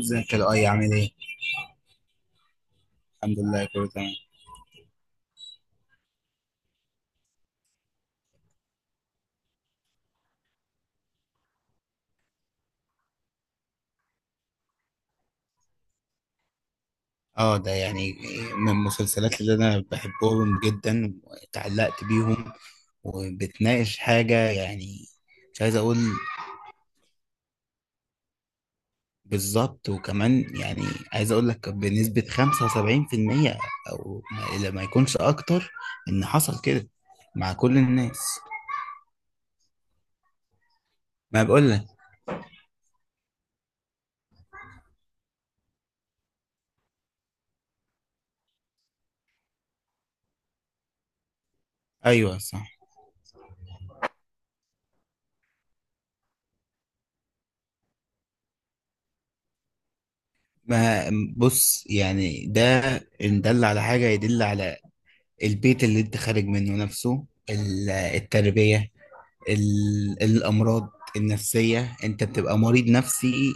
ازيك يا لؤي؟ عامل ايه؟ الحمد لله، كله تمام. اه، ده يعني من المسلسلات اللي انا بحبهم جدا واتعلقت بيهم. وبتناقش حاجة يعني. مش عايز اقول بالظبط، وكمان يعني عايز اقول لك بنسبة 75%، او ما إلا ما يكونش اكتر، ان حصل كده مع كل الناس. ما بقول لك. ايوه صح. ما بص يعني، ده ان دل على حاجة يدل على البيت اللي انت خارج منه نفسه. التربية، الأمراض النفسية. انت بتبقى مريض نفسي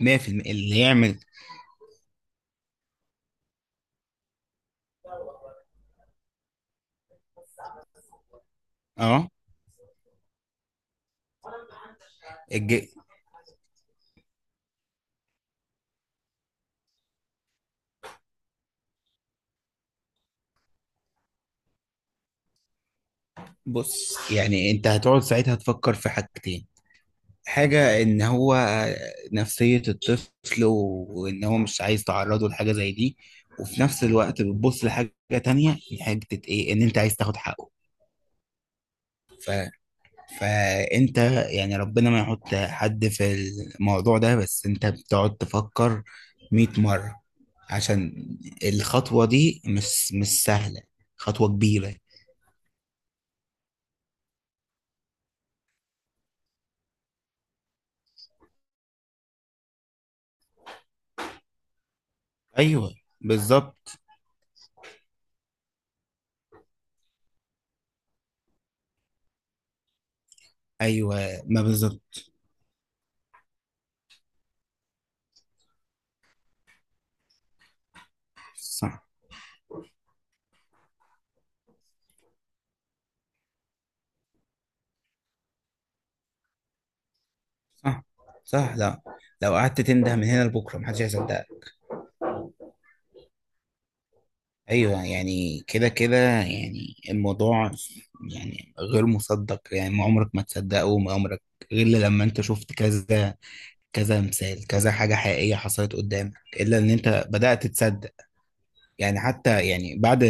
100%. اللي يعمل، اه، الج... بص يعني، انت هتقعد ساعتها تفكر في حاجتين. حاجة ان هو نفسية الطفل وان هو مش عايز تعرضه لحاجة زي دي، وفي نفس الوقت بتبص لحاجة تانية، حاجة ايه؟ ان انت عايز تاخد حقه. فانت يعني ربنا ما يحط حد في الموضوع ده، بس انت بتقعد تفكر 100 مرة، عشان الخطوة دي مش سهلة. خطوة كبيرة. ايوه بالظبط. ايوه ما بالظبط. صح، صح، صح. لا، لو قعدت تنده من هنا لبكرة محدش هيصدقك. ايوه، يعني كده كده يعني الموضوع، يعني غير مصدق. يعني ما عمرك ما تصدقه، وما عمرك، غير لما انت شفت كذا، كذا مثال، كذا حاجة حقيقية حصلت قدامك، إلا إن أنت بدأت تصدق. يعني حتى يعني بعد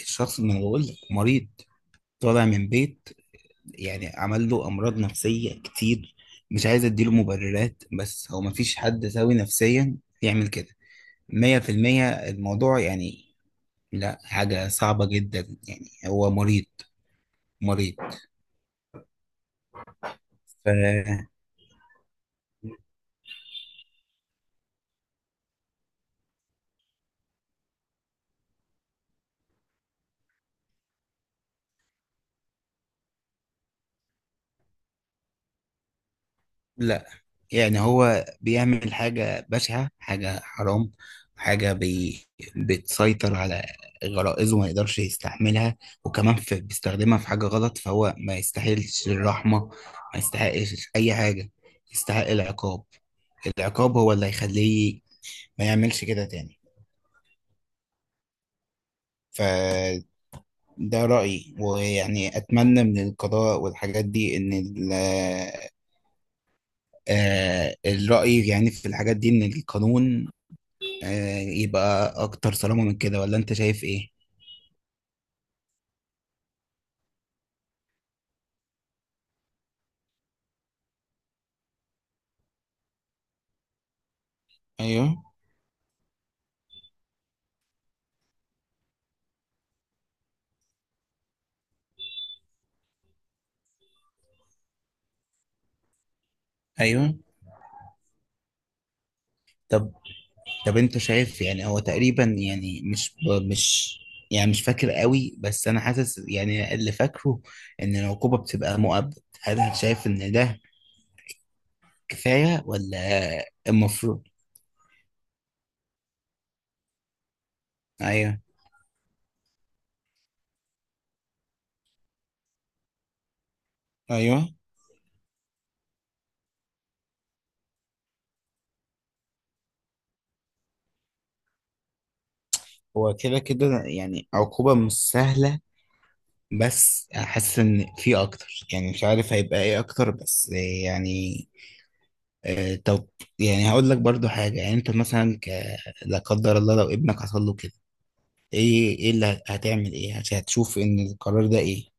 الشخص، ما أنا بقول لك مريض، طالع من بيت يعني عمل له أمراض نفسية كتير. مش عايز أديله مبررات، بس هو مفيش حد سوي نفسيا يعمل كده. مية في المية الموضوع يعني، لا، حاجة صعبة جدا. يعني هو مريض، مريض. فلا، يعني هو بيعمل حاجة بشعة، حاجة حرام، حاجة بي... بتسيطر على غرائزه، ما يقدرش يستحملها، وكمان بيستخدمها في حاجة غلط. فهو ما يستاهلش الرحمة، ما يستحقش أي حاجة. يستحق العقاب. العقاب هو اللي هيخليه ما يعملش كده تاني. فده رأيي، ويعني أتمنى من القضاء والحاجات دي الرأي يعني في الحاجات دي، إن القانون يبقى اكتر صرامة من كده، ولا انت شايف ايه؟ ايوه، ايوه. طب، طب انت شايف يعني هو تقريبا، يعني مش يعني مش فاكر قوي، بس انا حاسس يعني اللي فاكره ان العقوبة بتبقى مؤبد. هل انت شايف ان ده كفاية ولا المفروض؟ ايوه، ايوه. هو كده كده يعني عقوبة مش سهلة، بس حاسس ان في اكتر. يعني مش عارف هيبقى ايه اكتر، بس يعني طب يعني هقول لك برضو حاجة. يعني انت مثلا لا قدر الله، لو ابنك حصل له كده، ايه اللي هتعمل؟ ايه عشان هتشوف ان القرار ده ايه؟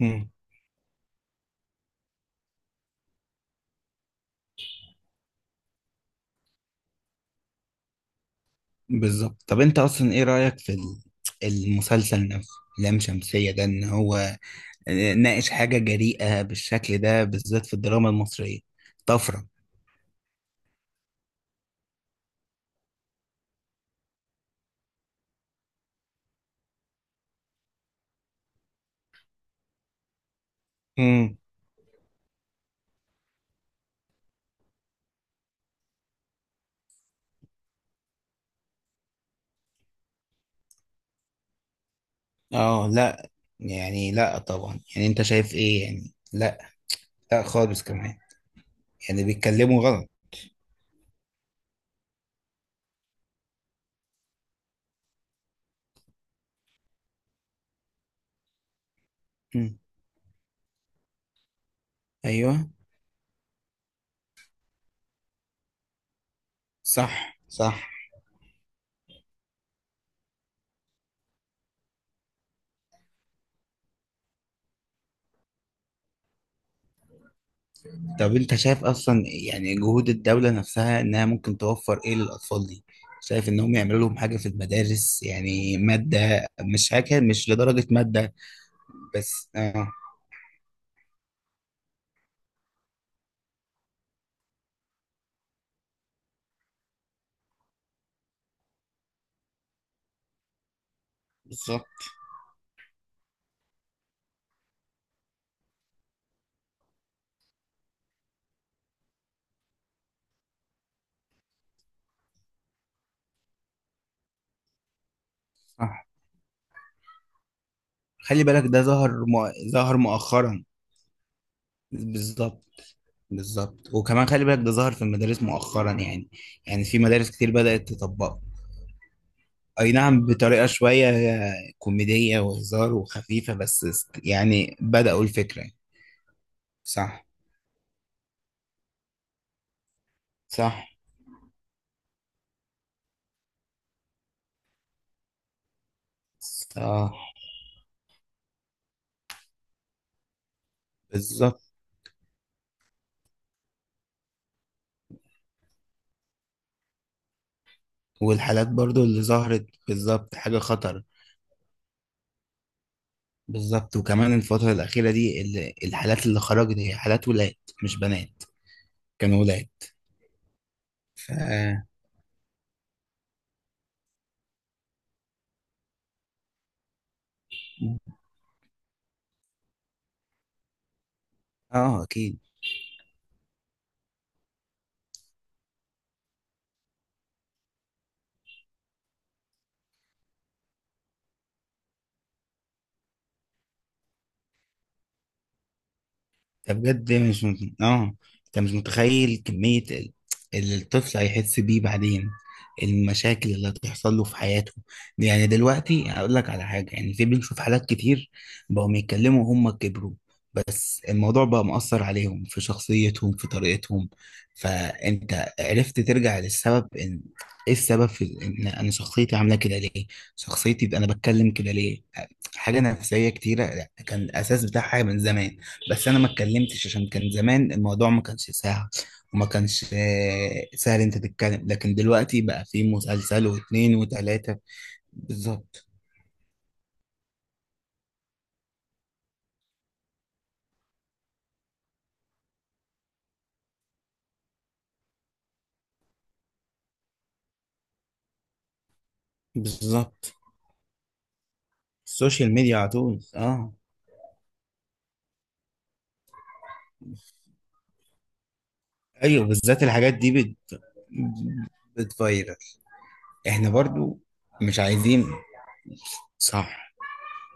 مم. بالظبط. طب انت اصلا ايه رأيك في المسلسل نفسه؟ لام شمسية ده، ان هو ناقش حاجة جريئة بالشكل ده، بالذات في الدراما المصرية. طفرة. مم. اه لا، يعني لا طبعا. يعني انت شايف ايه؟ يعني لا، لا خالص كمان. يعني بيتكلموا غلط. مم. ايوه صح، صح. طب انت شايف اصلا يعني جهود الدولة نفسها انها ممكن توفر ايه للاطفال دي؟ شايف انهم يعملوا لهم حاجة في المدارس يعني مادة، مش حاجة مش لدرجة مادة بس، اه بالظبط. صح. خلي بالك ده ظهر ظهر مؤخرا. بالظبط، بالظبط. وكمان خلي بالك ده ظهر في المدارس مؤخرا يعني. يعني في مدارس كتير بدأت تطبقه. اي نعم، بطريقة شوية كوميدية وهزار وخفيفة، بس يعني بدأوا الفكرة. صح، صح. اه بالظبط. والحالات برضو اللي ظهرت بالظبط، حاجة خطر. بالظبط، وكمان الفترة الأخيرة دي الحالات اللي خرجت هي حالات ولاد، مش بنات. كانوا ولاد. ف اه اكيد. ده بجد مش اه، انت مش متخيل كمية اللي الطفل هيحس بيه بعدين، المشاكل اللي هتحصل له في حياته دي. يعني دلوقتي هقول لك على حاجة، يعني في بنشوف حالات كتير بقوا بيتكلموا وهم كبروا، بس الموضوع بقى مؤثر عليهم في شخصيتهم، في طريقتهم. فانت عرفت ترجع للسبب، ان ايه السبب في ان انا شخصيتي عامله كده ليه، شخصيتي، يبقى انا بتكلم كده ليه؟ حاجه نفسيه كتيره، لا، كان الاساس بتاعها حاجه من زمان، بس انا ما اتكلمتش عشان كان زمان الموضوع ما كانش سهل، وما كانش سهل انت تتكلم. لكن دلوقتي بقى في مسلسل واتنين وتلاته. بالظبط، بالظبط. السوشيال ميديا على طول، اه. ايوه، بالذات الحاجات دي بت... بتفيرل. احنا برضو مش عايزين. صح.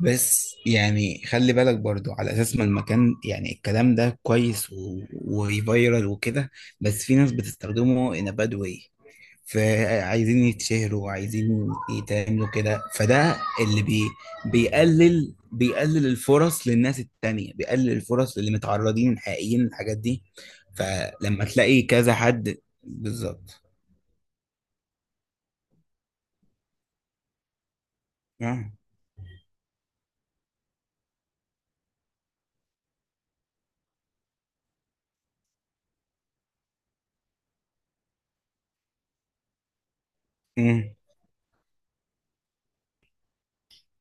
بس يعني خلي بالك برضو، على اساس ما المكان، يعني الكلام ده كويس وفيرال وكده، بس في ناس بتستخدمه in a bad way. فعايزين يتشهروا، وعايزين يتعملوا كده، فده اللي بيقلل الفرص للناس التانية، بيقلل الفرص للي متعرضين حقيقيين للحاجات دي. فلما تلاقي كذا حد، بالظبط. آه. مم.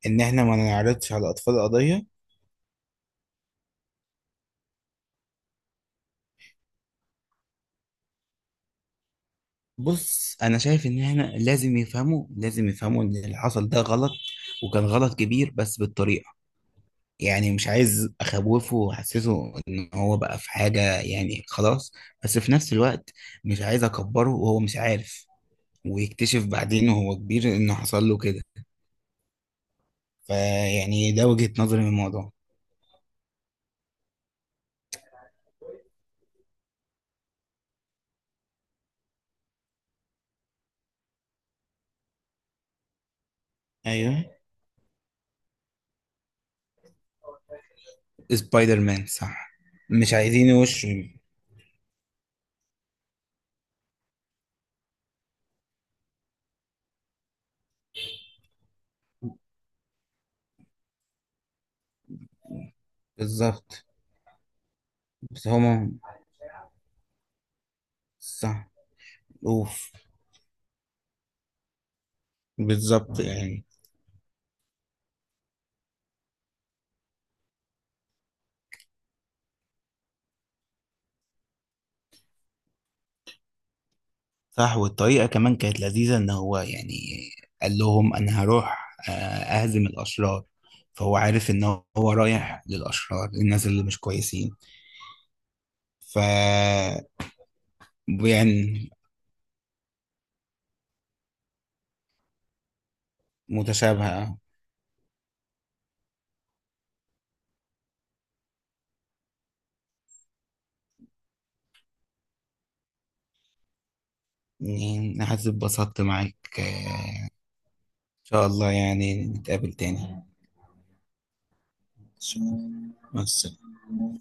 ان احنا ما نعرضش على اطفال قضية؟ بص، انا شايف ان احنا لازم يفهموا، لازم يفهموا ان اللي حصل ده غلط، وكان غلط كبير، بس بالطريقه. يعني مش عايز اخوفه واحسسه ان هو بقى في حاجه، يعني خلاص. بس في نفس الوقت مش عايز اكبره وهو مش عارف، ويكتشف بعدين وهو كبير انه حصل له كده. فيعني ده وجهه نظري من الموضوع. ايوه، سبايدر مان، صح. مش عايزين وشه. بالظبط. بس هما، صح. اوف. بالظبط يعني. صح. والطريقة كمان كانت لذيذة، إن هو يعني قال لهم أنا هروح أهزم الأشرار. فهو عارف إن هو رايح للأشرار، للناس اللي مش كويسين. ف يعني متشابهة. يعني أنا حاسس اتبسطت معاك. إن شاء الله يعني نتقابل تاني. إن شاء الله. مع السلامة.